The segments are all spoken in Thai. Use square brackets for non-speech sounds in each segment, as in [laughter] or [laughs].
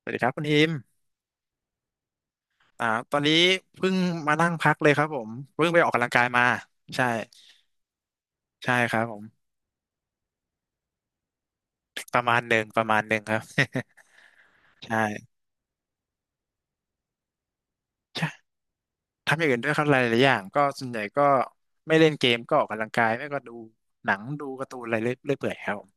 สวัสดีครับคุณอิมตอนนี้เพิ่งมานั่งพักเลยครับผมเพิ่งไปออกกำลังกายมาใช่ใช่ครับผมประมาณหนึ่งประมาณหนึ่งครับ [laughs] ใช่ใช่ทำอย่างอื่นด้วยครับหลายๆอย่างก็ส่วนใหญ่ก็ไม่เล่นเกมก็ออกกำลังกายไม่ก็ดูหนังดูการ์ตูนอะไรเรื่อยๆเปื่อยครับผม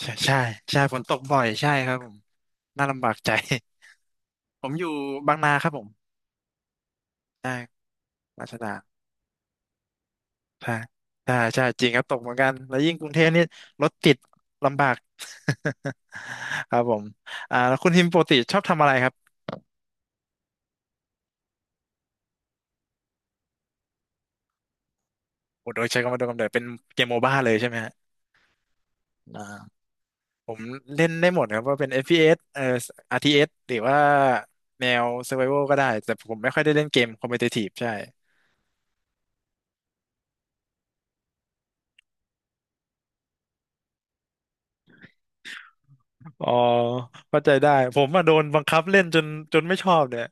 ใช่ใช่ใช่ฝนตกบ่อยใช่ครับผมน่าลำบากใจ [laughs] ผมอยู่บางนาครับผมใช่ราชดา ใช่ใช่ใช่ จริงครับตกเหมือนกัน แล้วยิ่งกรุงเทพนี่รถติดลำบาก [laughs] ครับผมแล้วคุณทิมปกติชอบทำอะไรครับโอ้โดยใช้คำว่าโดยกำเนิดเป็นเกมโมบ้าเลยใช่ไหมฮะอ่าผมเล่นได้หมดครับว่าเป็น FPS เอสRTS หรือว่าแนว Survival ก็ได้ แต่ผมไม่ค่อยได้เล่นเกมคอม p e t i t i v e ใช่ อ๋อเข้าใจได้ผมมาโดนบังคับเล่นจนจนไม่ชอบเนี่ย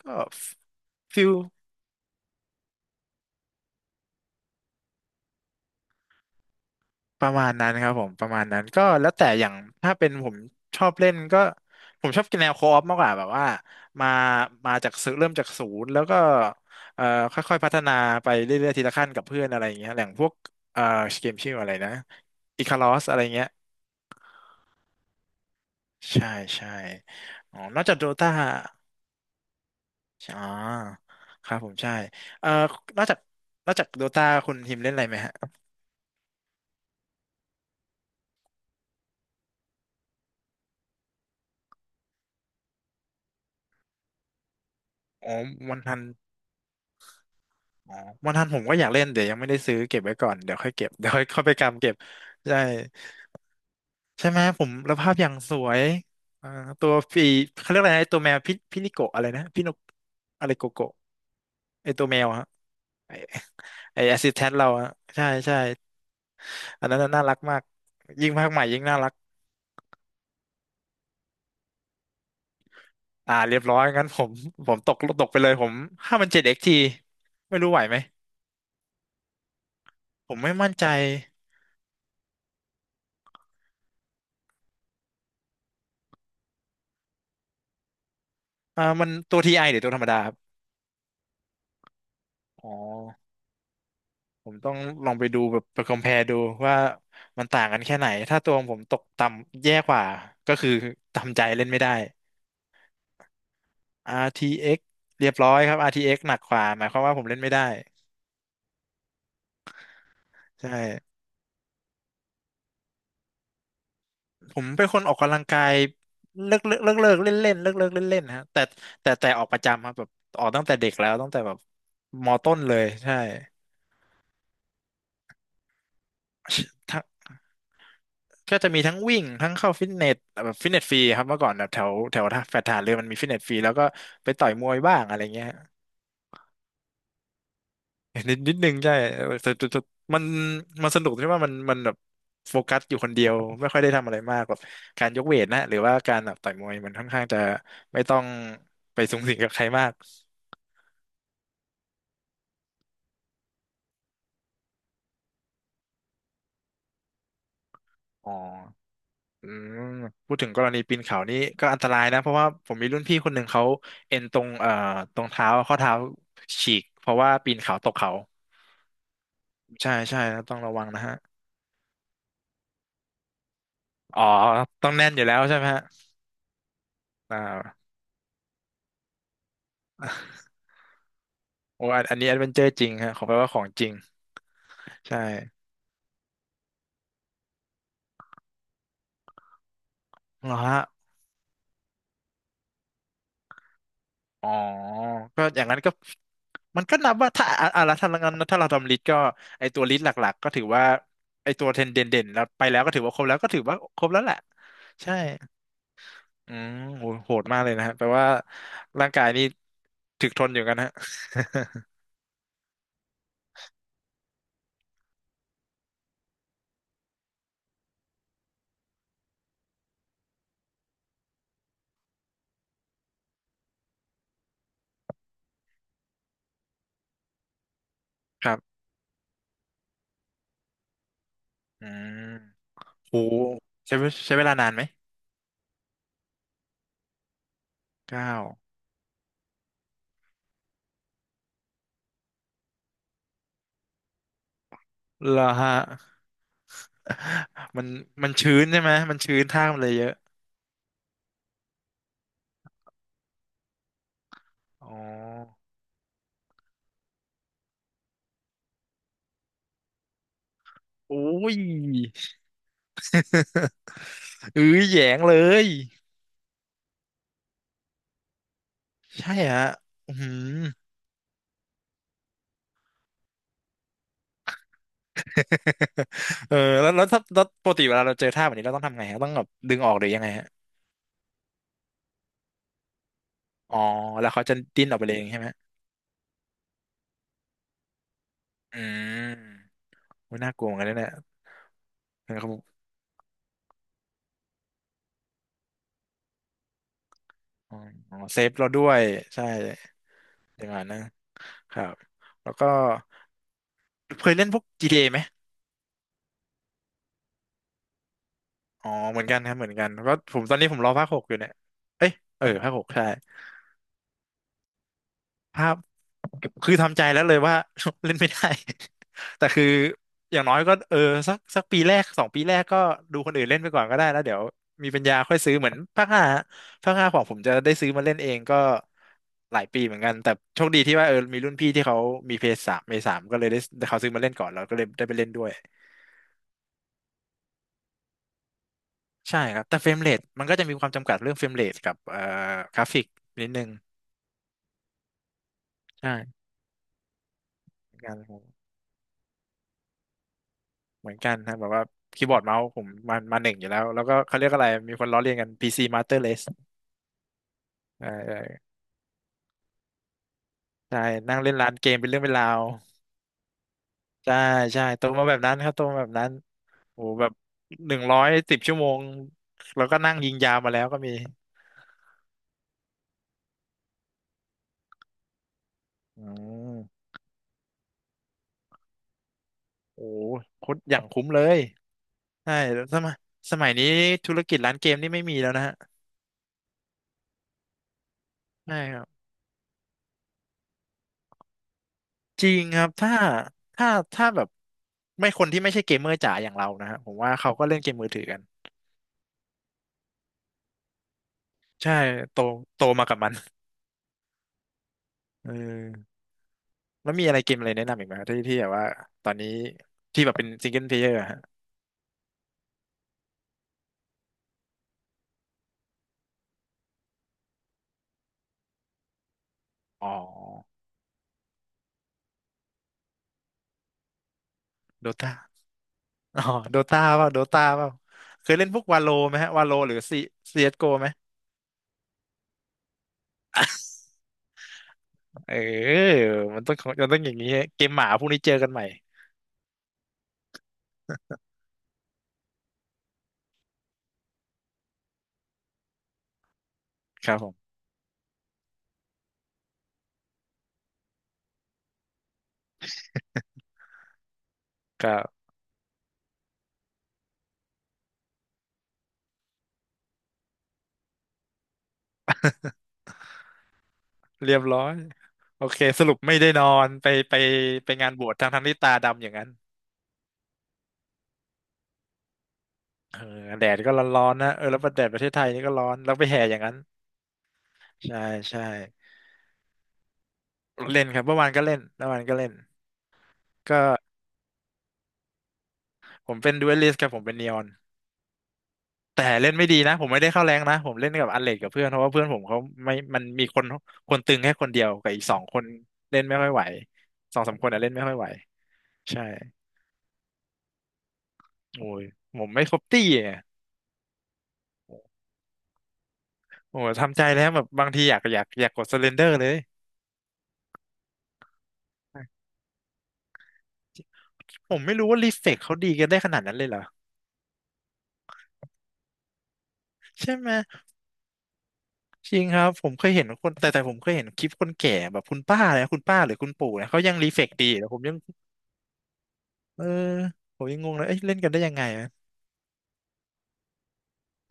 ก็ฟิล ประมาณนั้นครับผมประมาณนั้นก็แล้วแต่อย่างถ้าเป็นผมชอบเล่นก็ผมชอบกินแนวโคออฟมากกว่าแบบว่ามามาจากศูนย์เริ่มจากศูนย์แล้วก็เอ่อค่อยๆพัฒนาไปเรื่อยๆทีละขั้นกับเพื่อนอะไรอย่างเงี้ยอย่างพวกเอ่อเกมชื่ออะไรนะอิคารอสอะไรเงี้ยใช่ใช่อ๋อนอกจากโดตาอ๋อครับผมใช่เอ่อนอกจากนอกจากโดตาคุณทีมเล่นอะไรไหมฮะอ๋อวันทัน อ๋อวันทันผมก็อยากเล่นเดี๋ยวยังไม่ได้ซื้อเก็บไว้ก่อนเดี๋ยวค่อยเก็บเดี๋ยวค่อยเไปกำเก็บใช่ใช่ไหมผมแล้วภาพอย่างสวยอ่าตัวปีเขาเรียกอะไรนะไอตัวแมวพิพินิโกะอะไรนะพินกอะไรโกโกะไอตัวแมวฮะไอไอแอสซิสแทนเราอะใช่ใช่อันนั้นน่ะน่ารักมากยิ่งภาคใหม่ยิ่งน่ารักเรียบร้อยงั้นผมผมตกตกไปเลยผมห้ามันเจ็ดเอ็กทีไม่รู้ไหวไหมผมไม่มั่นใจมันตัวทีไอหรือตัวธรรมดาครับอ๋อ ผมต้องลองไปดูแบบไป compare ดูว่ามันต่างกันแค่ไหนถ้าตัวของผมตกต่ำแย่กว่าก็คือทำใจเล่นไม่ได้ RTX เอ็กซ์เรียบร้อยครับ RTX หนักกว่าหมายความว่าผมเล่นไม่ได้ใช่ผมเป็นคนออกกำลังกายเลิกเลิกเลิกเลิกเล่นเล่นเลิกเลิกเล่นเล่นฮะแต่ออกประจำครับแบบออกตั้งแต่เด็กแล้วตั้งแต่แบบมต้นเลยใช่ [laughs] ก็จะมีทั้งวิ่งทั้งเข้าฟิตเนสแบบฟิตเนสฟรีครับเมื่อก่อนแบบแถวแถวท่าแฟลตทหารเรือมันมีฟิตเนสฟรีแล้วก็ไปต่อยมวยบ้างอะไรเงี้ยนิดนิดนึงใช่แต่มันมันสนุกที่ว่ามันแบบโฟกัสอยู่คนเดียวไม่ค่อยได้ทำอะไรมากแบบการยกเวทนะหรือว่าการแบบต่อยมวยมันค่อนข้างจะไม่ต้องไปสุงสิงกับใครมากอ๋ออืมพูดถึงกรณีปีนเขานี่ก็อันตรายนะเพราะว่าผมมีรุ่นพี่คนหนึ่งเขาเอ็นตรงตรงเท้าข้อเท้าฉีกเพราะว่าปีนเขาตกเขา ใช่ใช่ครับต้องระวังนะฮะอ๋อต้องแน่นอยู่แล้วใช่ไหมฮะอ่าโอ้อันอันนี้แอดเวนเจอร์จริงฮะขอแปลว่าของจริงใช่เหรอฮะอ๋อก็อย่างนั้นก็มันก็นับว่าถ้าอ่ะอ่ะแล้วถ้างั้นถ้าเราทำลิสต์ก็ไอตัวลิสต์หลักๆก็ถือว่าไอตัวเทรนเด่นแล้วไปแล้วก็ถือว่าครบแล้วก็ถือว่าครบแล้วแหละใช่อืมโหโหดมากเลยนะฮะแปลว่าร่างกายนี่ถึกทนอยู่กันฮะ [laughs] ครับอืมโหใช้เวลานานไหมเก้า เหรอฮะ [laughs] มันชื้นใช่ไหมมันชื้นท่ามันเลยเยอะอ๋อโอ้ย [laughs] อื้อแหยงเลยใช่ฮะอืม [laughs] เออแล้วแล้วถ้าแล้วปกติเวลาเราเจอท่าแบบนี้เราต้องทำไงฮะต้องแบบดึงออกหรือยังไงฮะอ๋อแล้วเขาจะดิ้นออกไปเลยเองใช่ไหมอืมอุ๊น่ากลัวเหมือนกันนะเนี่ยเขาบอกอ๋ออ๋อเซฟเราด้วยใช่อย่างนั้นนะครับแล้วก็เคยเล่นพวกจีทีเ a ไหม อ๋อเหมือนกันครับเหมือนกันก็ผมตอนนี้ผมรอภาคหกอยู่เนี่ยเอ้ยเออภาคหกใช่ภาพคือทำใจแล้วเลยว่า [laughs] เล่นไม่ได้ [laughs] แต่คืออย่างน้อยก็สักปีแรกสองปีแรกก็ดูคนอื่นเล่นไปก่อนก็ได้แล้วเดี๋ยวมีปัญญาค่อยซื้อเหมือนภาคห้าฮะภาคห้าของผมจะได้ซื้อมาเล่นเองก็หลายปีเหมือนกันแต่โชคดีที่ว่ามีรุ่นพี่ที่เขามีเพย์สามก็เลยได้เขาซื้อมาเล่นก่อนแล้วก็เลยได้ไปเล่นด้วยใช่ครับแต่เฟรมเรทมันก็จะมีความจำกัดเรื่องเฟรมเรทกับกราฟิกนิดนึงใช่ เหมือนกันผมเหมือนกันครับแบบว่าคีย์บอร์ดเมาส์ผมมาหนึ่งอยู่แล้วแล้วก็เขาเรียกอะไรมีคนล้อเลียนกัน PC Master Race เออเออใช่นั่งเล่นร้านเกมเป็นเรื่องเป็นราวใช่ใช่โตมาแบบนั้นครับโตมาแบบนั้นโอ้โหแบบหนึ่งร้อยสิบชั่วโมงแล้วก็นั่งยิงยาวมาแล้วก็มีอืมโอ้โหโคตรอย่างคุ้มเลยใช่แล้วสมัยสมัยนี้ธุรกิจร้านเกมนี่ไม่มีแล้วนะฮะใช่ครับจริงครับถ้าถ้าแบบไม่คนที่ไม่ใช่เกมเมอร์จ๋าอย่างเรานะฮะผมว่าเขาก็เล่นเกมมือถือกัน ใช่โตโตมากับมันเออแล้วมีอะไรเกมอะไรแนะนำอีกไหมครับที่ที่แบบว่าตอนนี้ที่แบบเป็นซิงเกิลเพลเยอร์ฮะอ๋อโดตาอ๋อโดตาเปล่าเคยเล่นพวกวาโลไหมฮะวาโลหรือซีซีเอสโกไหมเออมันต้องมันต้องอย่างนี้ฮะเกมหมาพวกนี้เจอกันใหม่ครับผมก็เรียบร้อยโอเคสรุปไม่ได้นอนไปงานบวชทั้งที่ตาดำอย่างนั้นเออแดดก็ร้อนๆนะเออแล้วประเทศไทยนี่ก็ร้อนแล้วไปแห่อย่างนั้นใช่ใช่ เล่นครับเมื่อวานก็เล่นเมื่อวานก็เล่นก็ผมเป็นดูเอลิสกับผมเป็นนีออนแต่เล่นไม่ดีนะผมไม่ได้เข้าแรงนะผมเล่นกับอันเลดกับเพื่อนเพราะว่าเพื่อนผมเขาไม่มันมีคนตึงแค่คนเดียวกับอีกสองคนเล่นไม่ค่อยไหวสองสามคนอะเล่นไม่ค่อยไหวใช่โอ้ยผมไม่ครบตี้อะโอ้ยทำใจแล้วแบบบางทีอยากกดสเลนเดอร์เลยผมไม่รู้ว่ารีเฟกเขาดีกันได้ขนาดนั้นเลยเหรอใช่ไหมจริงครับผมเคยเห็นคนแต่ผมเคยเห็นคลิปคนแก่แบบคุณป้าเลยนะคุณป้าหรือคุณปู่นะเขายังรีเฟกดีแต่ผมยัง เออผมยังงงเลย เอ้ยเล่นกันได้ยังไงอะ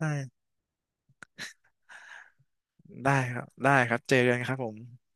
ได้ได้ครับได้ครับเจอกันครับผม